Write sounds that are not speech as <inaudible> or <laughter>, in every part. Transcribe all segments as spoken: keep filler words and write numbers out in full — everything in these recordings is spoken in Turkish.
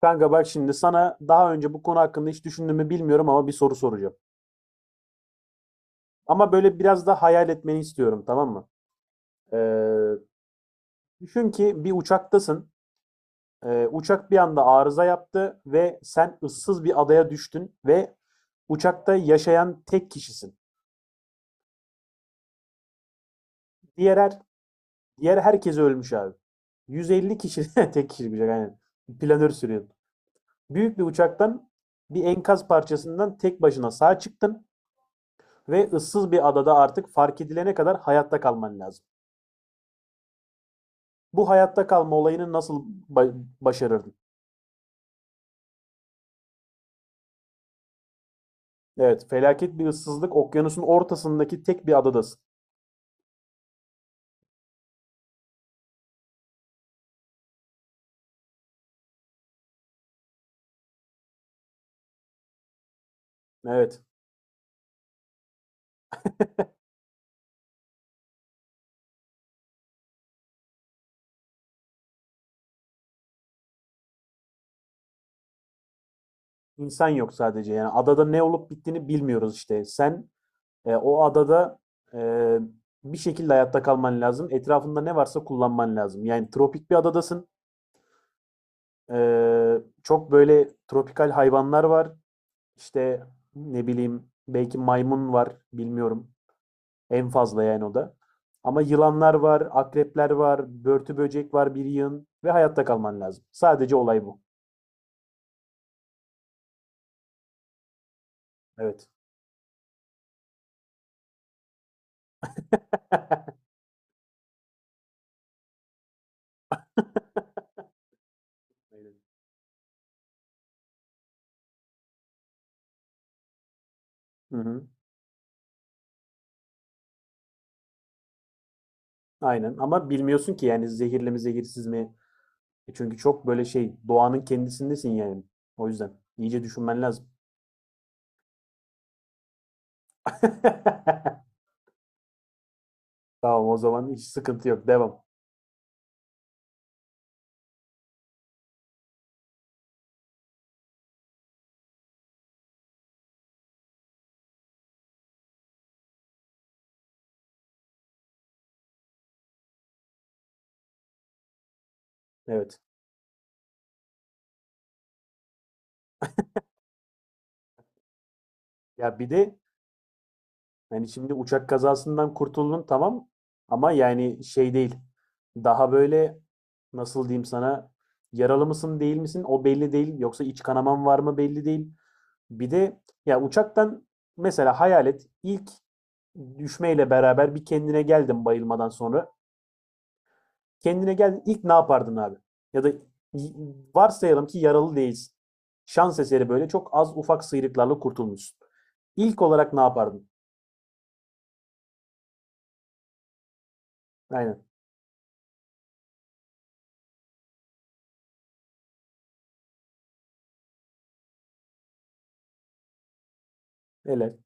Kanka bak şimdi sana daha önce bu konu hakkında hiç düşündüğümü bilmiyorum ama bir soru soracağım. Ama böyle biraz da hayal etmeni istiyorum, tamam mı? Ee, Düşün ki bir uçaktasın. Ee, uçak bir anda arıza yaptı ve sen ıssız bir adaya düştün ve uçakta yaşayan tek kişisin. Diğer her, Diğer herkes ölmüş abi. yüz elli kişi <laughs> tek kişi bir şey aynen. Planör sürüyorsun. Büyük bir uçaktan bir enkaz parçasından tek başına sağ çıktın ve ıssız bir adada artık fark edilene kadar hayatta kalman lazım. Bu hayatta kalma olayını nasıl ba- başarırdın? Evet, felaket bir ıssızlık, okyanusun ortasındaki tek bir adadasın. Evet, insan yok sadece. Yani adada ne olup bittiğini bilmiyoruz işte. Sen e, o adada e, bir şekilde hayatta kalman lazım. Etrafında ne varsa kullanman lazım. Yani tropik bir adadasın. E, çok böyle tropikal hayvanlar var. İşte ne bileyim belki maymun var, bilmiyorum. En fazla yani o da. Ama yılanlar var, akrepler var, börtü böcek var bir yığın ve hayatta kalman lazım. Sadece olay bu. Evet. <laughs> Hı hı. Aynen ama bilmiyorsun ki yani, zehirli mi zehirsiz mi? E Çünkü çok böyle şey, doğanın kendisindesin yani. O yüzden iyice düşünmen lazım. <laughs> Tamam, o zaman hiç sıkıntı yok. Devam. Evet. Ya bir de, yani şimdi uçak kazasından kurtuldun tamam ama yani şey değil. Daha böyle nasıl diyeyim sana, yaralı mısın değil misin o belli değil. Yoksa iç kanaman var mı belli değil. Bir de ya uçaktan mesela hayal et, ilk düşmeyle beraber bir kendine geldin bayılmadan sonra. Kendine geldin, ilk ne yapardın abi? Ya da y- varsayalım ki yaralı değilsin. Şans eseri böyle çok az ufak sıyrıklarla kurtulmuşsun. İlk olarak ne yapardın? Aynen. Helal.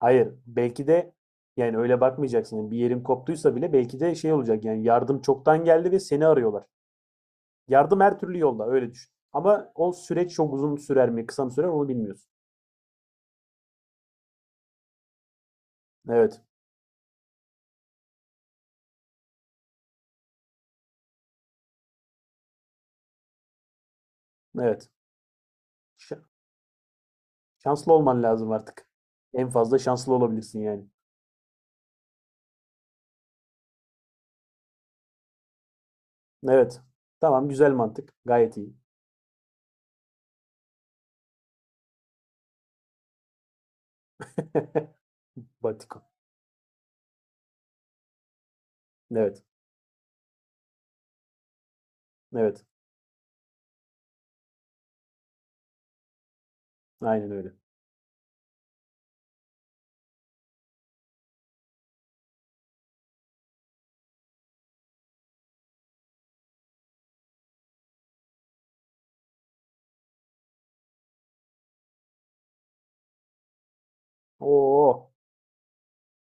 Hayır, belki de yani öyle bakmayacaksın. Yani bir yerin koptuysa bile belki de şey olacak, yani yardım çoktan geldi ve seni arıyorlar. Yardım her türlü yolda öyle düşün. Ama o süreç çok uzun sürer mi, kısa mı sürer onu bilmiyorsun. Evet, evet. Ş- Şanslı olman lazım artık. En fazla şanslı olabilirsin yani. Evet. Tamam, güzel mantık. Gayet iyi. <laughs> Batikon. Evet, evet. Aynen öyle. Oo.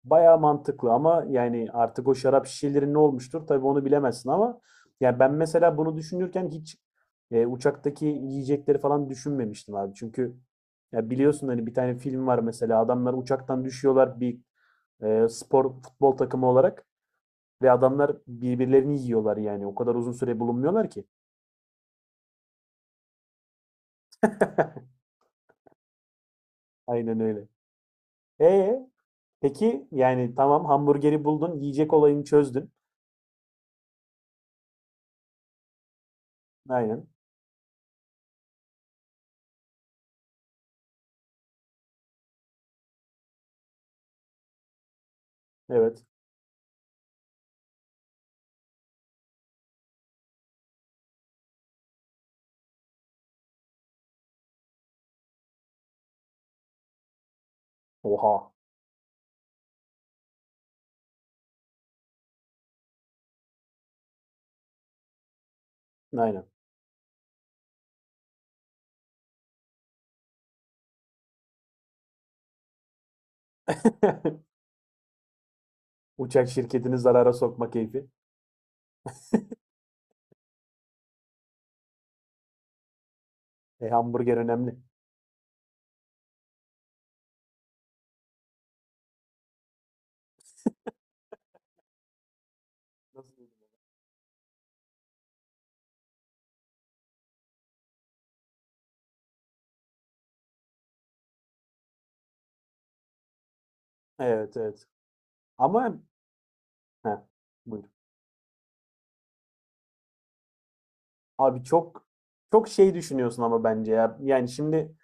Bayağı mantıklı ama yani artık o şarap şişeleri ne olmuştur tabii onu bilemezsin ama yani ben mesela bunu düşünürken hiç e, uçaktaki yiyecekleri falan düşünmemiştim abi. Çünkü ya biliyorsun hani bir tane film var, mesela adamlar uçaktan düşüyorlar, bir e, spor futbol takımı olarak ve adamlar birbirlerini yiyorlar, yani o kadar uzun süre bulunmuyorlar ki. <laughs> Aynen öyle. E peki yani tamam, hamburgeri buldun, yiyecek olayını çözdün. Aynen. Evet. Oha. Aynen. <laughs> Uçak şirketini zarara sokma keyfi. E, hamburger önemli. Nasıl yedin onu? Evet, evet. Ama heh, buyur. Abi çok çok şey düşünüyorsun ama bence ya. Yani şimdi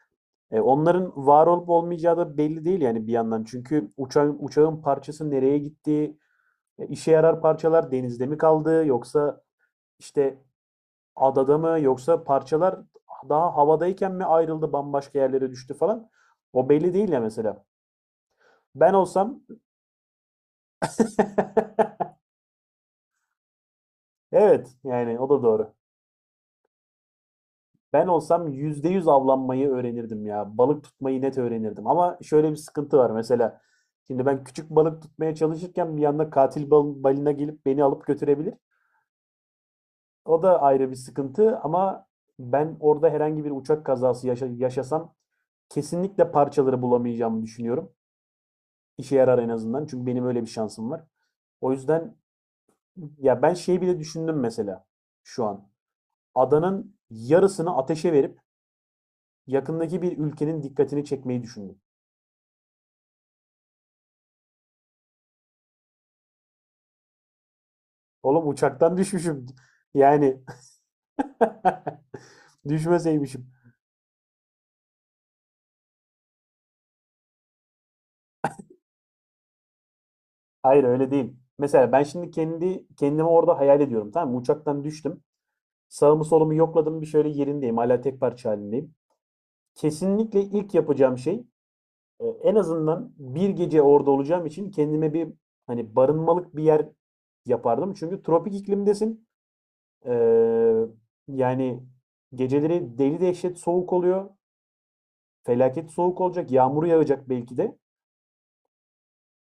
e, onların var olup olmayacağı da belli değil yani bir yandan. Çünkü uçağın uçağın parçası nereye gitti? E, işe yarar parçalar denizde mi kaldı yoksa işte adada mı, yoksa parçalar daha havadayken mi ayrıldı, bambaşka yerlere düştü falan. O belli değil ya mesela. Ben olsam <laughs> evet yani o da doğru. Ben olsam yüzde yüz avlanmayı öğrenirdim ya. Balık tutmayı net öğrenirdim. Ama şöyle bir sıkıntı var mesela. Şimdi ben küçük balık tutmaya çalışırken bir yanda katil bal balina gelip beni alıp götürebilir. O da ayrı bir sıkıntı ama ben orada herhangi bir uçak kazası yaşa- yaşasam kesinlikle parçaları bulamayacağımı düşünüyorum. İşe yarar, en azından. Çünkü benim öyle bir şansım var. O yüzden ya ben şeyi bile düşündüm, mesela şu an. Adanın yarısını ateşe verip yakındaki bir ülkenin dikkatini çekmeyi düşündüm. Oğlum uçaktan düşmüşüm. Yani <laughs> düşmeseymişim. Hayır, öyle değil. Mesela ben şimdi kendi kendimi orada hayal ediyorum, tamam mı? Uçaktan düştüm. Sağımı solumu yokladım, bir şöyle yerindeyim. Hala tek parça halindeyim. Kesinlikle ilk yapacağım şey, e, en azından bir gece orada olacağım için kendime bir hani barınmalık bir yer yapardım. Çünkü tropik iklimdesin. Ee, Yani geceleri deli dehşet soğuk oluyor. Felaket soğuk olacak. Yağmur yağacak belki de.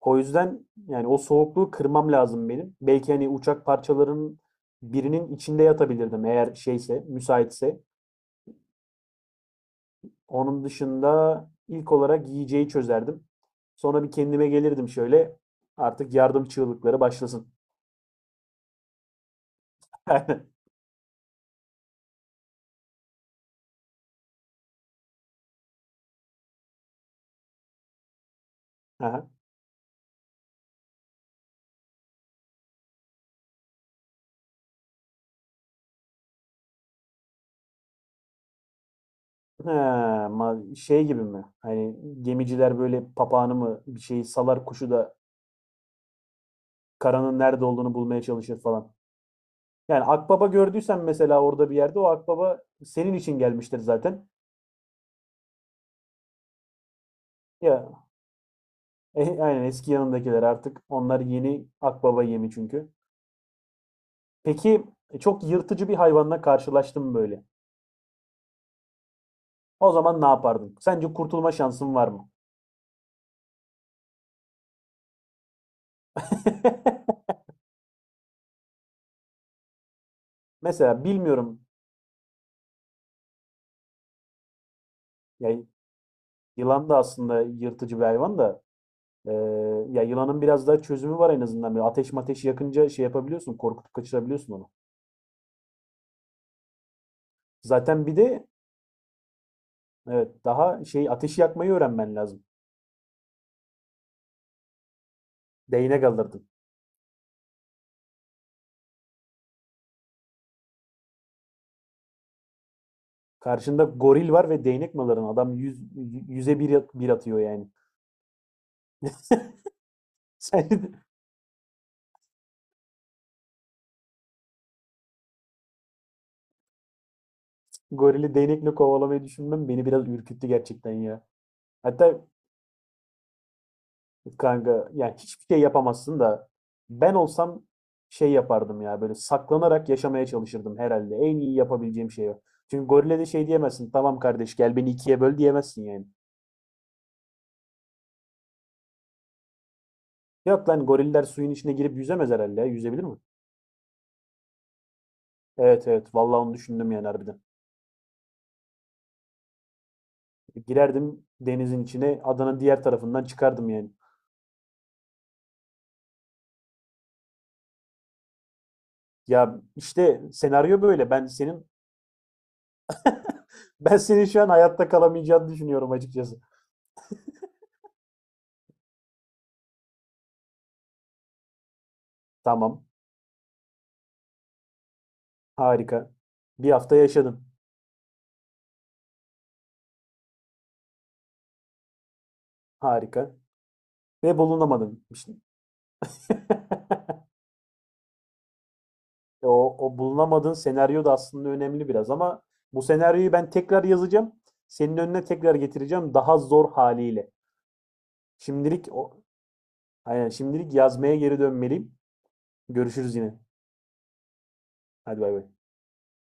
O yüzden yani o soğukluğu kırmam lazım benim. Belki hani uçak parçalarının birinin içinde yatabilirdim, eğer şeyse, müsaitse. Onun dışında ilk olarak yiyeceği çözerdim. Sonra bir kendime gelirdim şöyle. Artık yardım çığlıkları başlasın. <laughs> Aha. Ha, ma- şey gibi mi? Hani gemiciler böyle papağanı mı bir şeyi salar, kuşu da karanın nerede olduğunu bulmaya çalışır falan. Yani akbaba gördüysen mesela, orada bir yerde o akbaba senin için gelmiştir zaten. Ya e, aynen, eski yanındakiler artık onlar yeni akbaba yemi çünkü. Peki e, çok yırtıcı bir hayvanla karşılaştın mı böyle? O zaman ne yapardın? Sence kurtulma şansın var mı? <laughs> Mesela bilmiyorum. Ya yılan da aslında yırtıcı bir hayvan da e, ya yılanın biraz daha çözümü var en azından. Böyle ateş mateş yakınca şey yapabiliyorsun, korkutup kaçırabiliyorsun onu. Zaten bir de evet, daha şey, ateşi yakmayı öğrenmen lazım. Değnek alırdın. Karşında goril var ve değnek mi alırdın? Adam yüz, yüze bir, bir atıyor yani. Sen <laughs> gorili değnekle kovalamayı düşünmem beni biraz ürküttü gerçekten ya. Hatta kanka yani hiçbir şey yapamazsın da, ben olsam şey yapardım ya, böyle saklanarak yaşamaya çalışırdım herhalde. En iyi yapabileceğim şey o. Çünkü gorile de şey diyemezsin. Tamam kardeş, gel beni ikiye böl diyemezsin yani. Yok lan, goriller suyun içine girip yüzemez herhalde ya. Yüzebilir mi? Evet, evet. Vallahi onu düşündüm yani, harbiden. Girerdim denizin içine, adanın diğer tarafından çıkardım yani. Ya işte senaryo böyle. Ben senin <laughs> ben senin şu an hayatta kalamayacağını düşünüyorum açıkçası. Tamam, harika. Bir hafta yaşadın. Harika. Ve bulunamadın. İşte. <laughs> O, o bulunamadığın senaryo da aslında önemli biraz ama bu senaryoyu ben tekrar yazacağım. Senin önüne tekrar getireceğim daha zor haliyle. Şimdilik o, aynen, şimdilik yazmaya geri dönmeliyim. Görüşürüz yine. Hadi bay bay.